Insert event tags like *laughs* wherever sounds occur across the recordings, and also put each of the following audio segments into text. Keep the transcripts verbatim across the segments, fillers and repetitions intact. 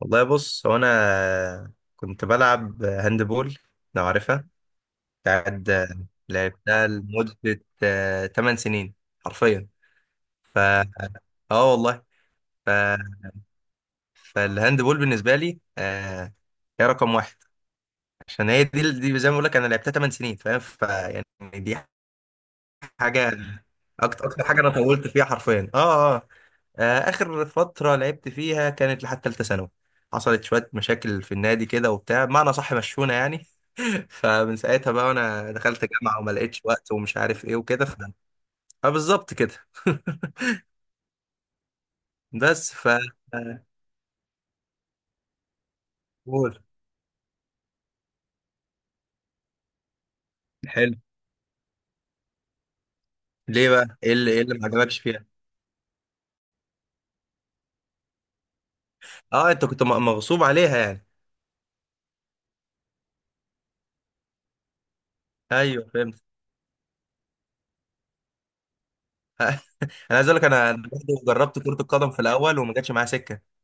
والله بص هو انا كنت بلعب هاندبول. لو عارفها بتاعت لعبتها لمدة آه، 8 سنين حرفيا. ف اه والله. ف... فالهاندبول بالنسبة لي آه، هي رقم واحد، عشان هي دي دي زي ما بقول لك انا لعبتها 8 سنين، فاهم؟ فيعني دي حاجة، اكتر اكتر حاجة انا طولت فيها حرفيا. اه اه آه، اخر فترة لعبت فيها كانت لحد ثالثة ثانوي. حصلت شوية مشاكل في النادي كده وبتاع، بمعنى صح مشونا يعني. فمن ساعتها بقى وانا دخلت جامعة وما لقيتش وقت ومش عارف ايه وكده ف... فبالظبط كده. *laughs* بس ف قول. حلو. ليه بقى، ايه اللي ايه اللي ما عجبكش فيها؟ اه انت كنت م- مغصوب عليها يعني. ايوه فهمت. *laughs* انا عايز اقول لك انا برضه جربت كرة القدم في الاول وما جاتش معايا سكة.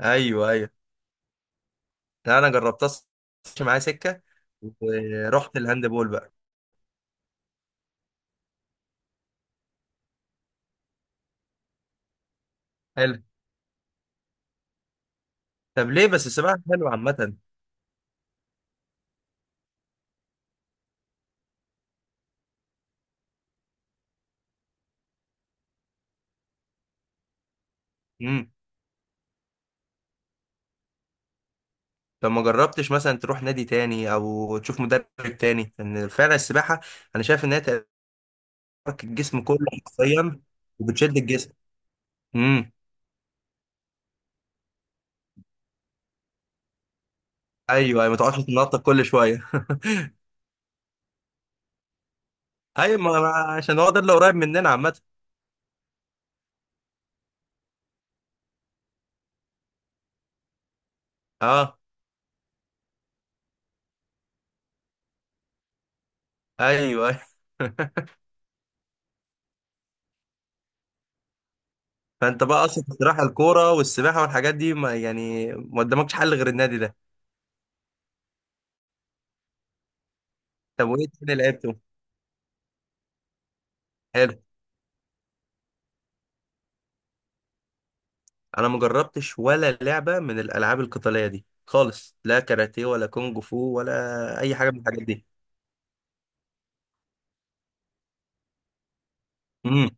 ايوه ايوه. لا انا جربتها ما جاتش معايا سكة ورحت الهاند بول بقى. حلو. طب ليه بس؟ السباحة حلوة عامة. إمم. لو ما جربتش مثلا تروح نادي تاني او تشوف مدرب تاني، لان فعلا السباحه انا شايف ان هي تحرك الجسم كله حرفيا وبتشد الجسم. امم. ايوه، أيوة، ما تقعدش تنطط كل شويه. *laughs* ايوه، ما ما- عشان هو ده اللي قريب مننا عامه. اه. ايوه أيوة. *laughs* فانت بقى اصلا في الصراحه، الكوره والسباحه والحاجات دي ما يعني ما قدامكش حل غير النادي ده. طب وايه تاني لعبته؟ حلو. انا ما جربتش ولا لعبه من الالعاب القتاليه دي خالص، لا كاراتيه ولا كونج فو ولا اي حاجه من الحاجات دي. امم.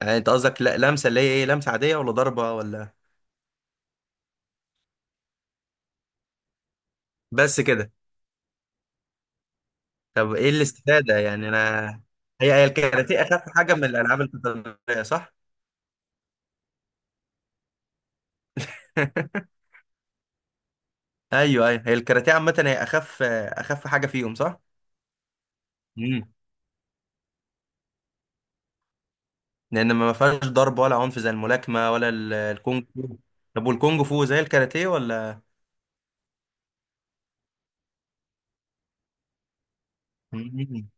يعني انت قصدك لا- لمسه، اللي هي ايه، لمسه عاديه ولا ضربه ولا؟ بس كده؟ طب ايه الاستفاده يعني انا؟ هي هي الكاراتيه اخف حاجه من الالعاب القتاليه صح؟ *laughs* ايوه ايوه. هي الكاراتيه عامه هي اخف اخف حاجه فيهم صح؟ امم. لان ما فيهاش ضرب ولا عنف زي الملاكمه ولا ال- الكونغ فو. طب والكونغ فو زي الكاراتيه ولا؟ مم.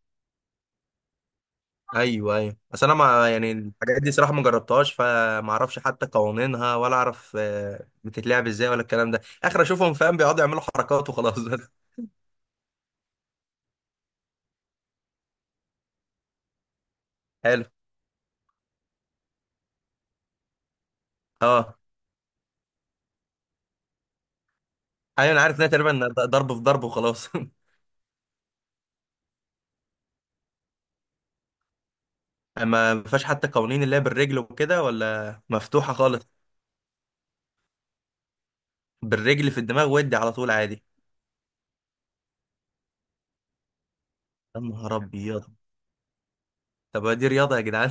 ايوه ايوه. بس انا ما يعني الحاجات دي صراحه ما جربتهاش، فما اعرفش حتى قوانينها ولا اعرف آه، بتتلعب ازاي ولا الكلام ده. اخر اشوفهم فاهم بيقعدوا يعملوا حركات وخلاص. *laughs* بس. حلو. اه. ايوه انا عارف انها تقريبا ضرب في ضرب وخلاص. *laughs* اما ما فيهاش حتى قوانين اللي هي بالرجل وكده ولا مفتوحه خالص؟ بالرجل في الدماغ ودي على طول عادي؟ يا نهار ابيض. طب دي رياضه يا جدعان؟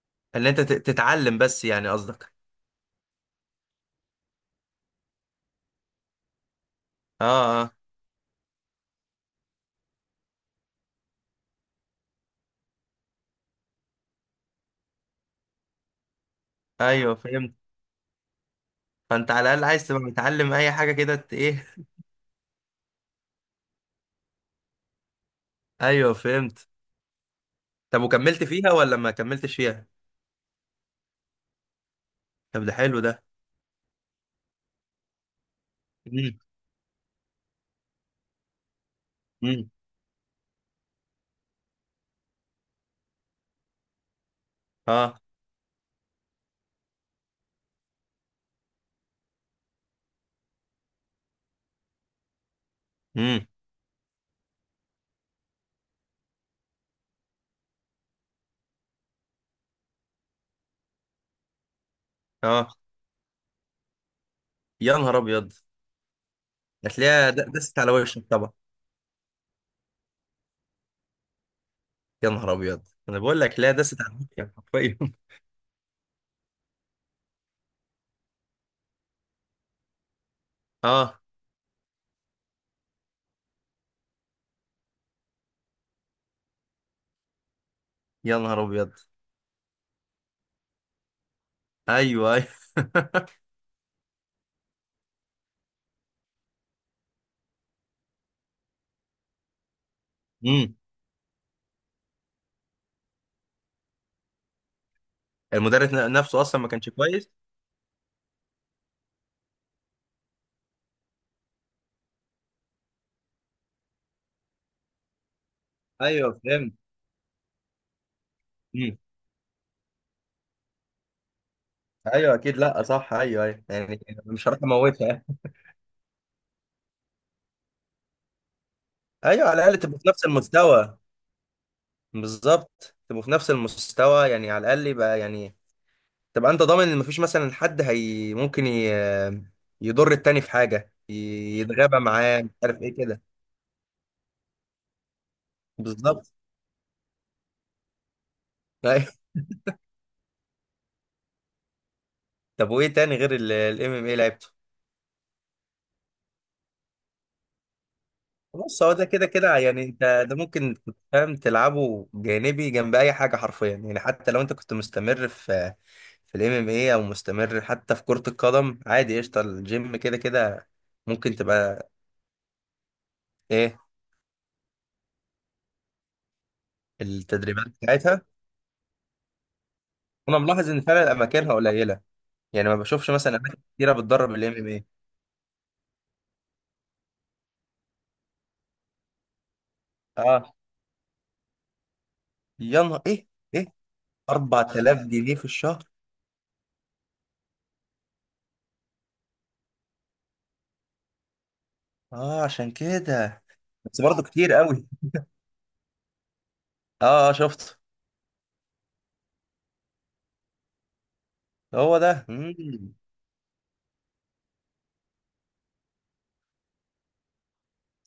*laughs* اللي انت تت- تتعلم بس يعني قصدك. اه اه. ايوه فهمت. فانت على الاقل عايز تبقى متعلم اي حاجه كده ت- ايه. *laughs* ايوه فهمت. طب وكملت فيها ولا ما كملتش فيها؟ طب ده حلو ده. مم. مم. اه. مم. اه. يا نهار ابيض. هتلاقيها د- دست على وشك طبعا. يا نهار ابيض، انا بقول لك، لا دست على وشك حرفيا. *laughs* اه. يا نهار ابيض. ايوه ايوه. مم. المدرس ن- نفسه اصلا ما كانش كويس. ايوه فهمت. مم. ايوه اكيد، لا صح، ايوه ايوه يعني. مش هروح اموتها يعني. ايوه على الاقل تبقوا في نفس المستوى. بالظبط، تبقوا في نفس المستوى يعني، على الاقل يبقى يعني تبقى انت ضامن ان مفيش مثلا حد، هي ممكن ي... يضر التاني في حاجه، ي- يتغابى معاه، مش عارف ايه كده. بالظبط. *laughs* أيوة. طب وايه تاني غير الام ام اي لعبته؟ بص هو ده كده كده يعني انت، ده ممكن كنت فاهم تلعبه جانبي جنب اي حاجه حرفيا يعني. حتى لو انت كنت مستمر في في الام ام اي او مستمر حتى في كرة القدم عادي، قشطه الجيم كده كده ممكن تبقى. ايه التدريبات بتاعتها؟ انا ملاحظ ان فعلا اماكنها قليله، يعني ما بشوفش مثلا اماكن كتيره بتدرب الام ام اي. اه. يا نهار ايه. ايه؟ اربعة آلاف جنيه في الشهر؟ اه عشان كده. بس برضه كتير قوي. اه اه شفت. هو ده. مم.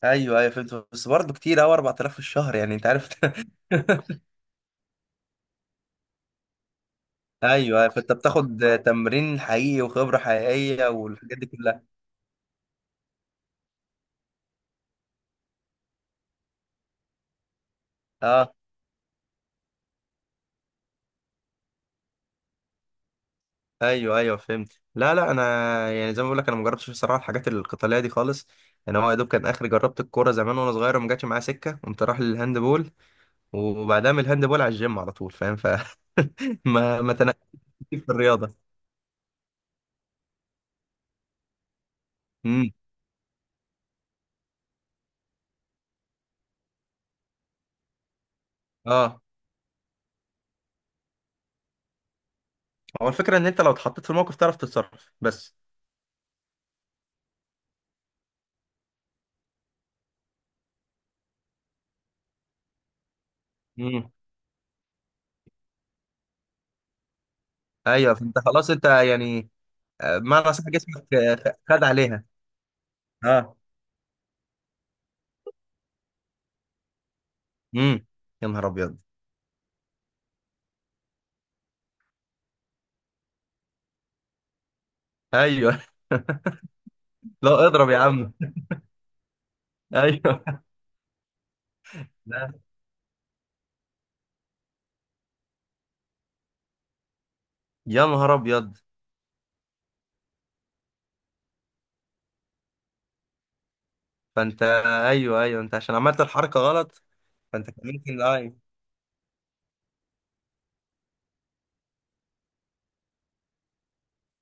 ايوه ايوه فهمت، بس برضه كتير قوي اربعتلاف في الشهر يعني انت عارف. *laughs* ايوه، فانت بتاخد تمرين حقيقي وخبره حقيقيه والحاجات دي كلها. اه. ايوه ايوه فهمت. لا لا انا يعني زي ما بقول لك انا ما جربتش بصراحه الحاجات القتاليه دي خالص. انا هو يا دوب كان اخر جربت الكوره زمان وانا صغير وما جاتش معايا سكه، قمت رايح للهاند بول، وبعدها من الهاند بول على الجيم على طول، فاهم؟ ف. *laughs* ما ما تنقلتش في الرياضه. امم. اه. هو الفكره ان انت لو اتحطيت في الموقف تعرف تتصرف بس. امم. ايوه فانت خلاص انت يعني آه، بمعنى صح جسمك آه، خ- خد عليها. اه. امم. يا نهار ابيض. ايوه. *laughs* لا اضرب يا عم. ايوه. لا. يا نهار ابيض. فانت. ايوه ايوه، انت عشان عملت الحركه غلط. فانت كان ممكن اي.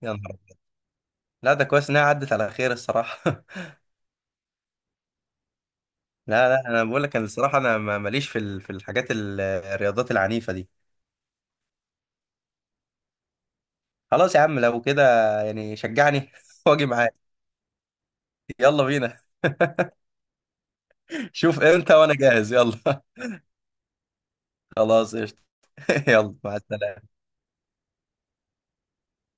يا نهار أبيض. لا ده كويس انها عدت على خير الصراحه. *laughs* لا لا انا بقول لك، انا الصراحه انا ما- ماليش في ال- في الحاجات ال- الرياضات العنيفه دي. خلاص يا عم لو كده، يعني شجعني *laughs* واجي معاك. يلا بينا. *laughs* شوف امتى وانا جاهز يلا. *laughs* خلاص قشطة. *laughs* يلا مع السلامه.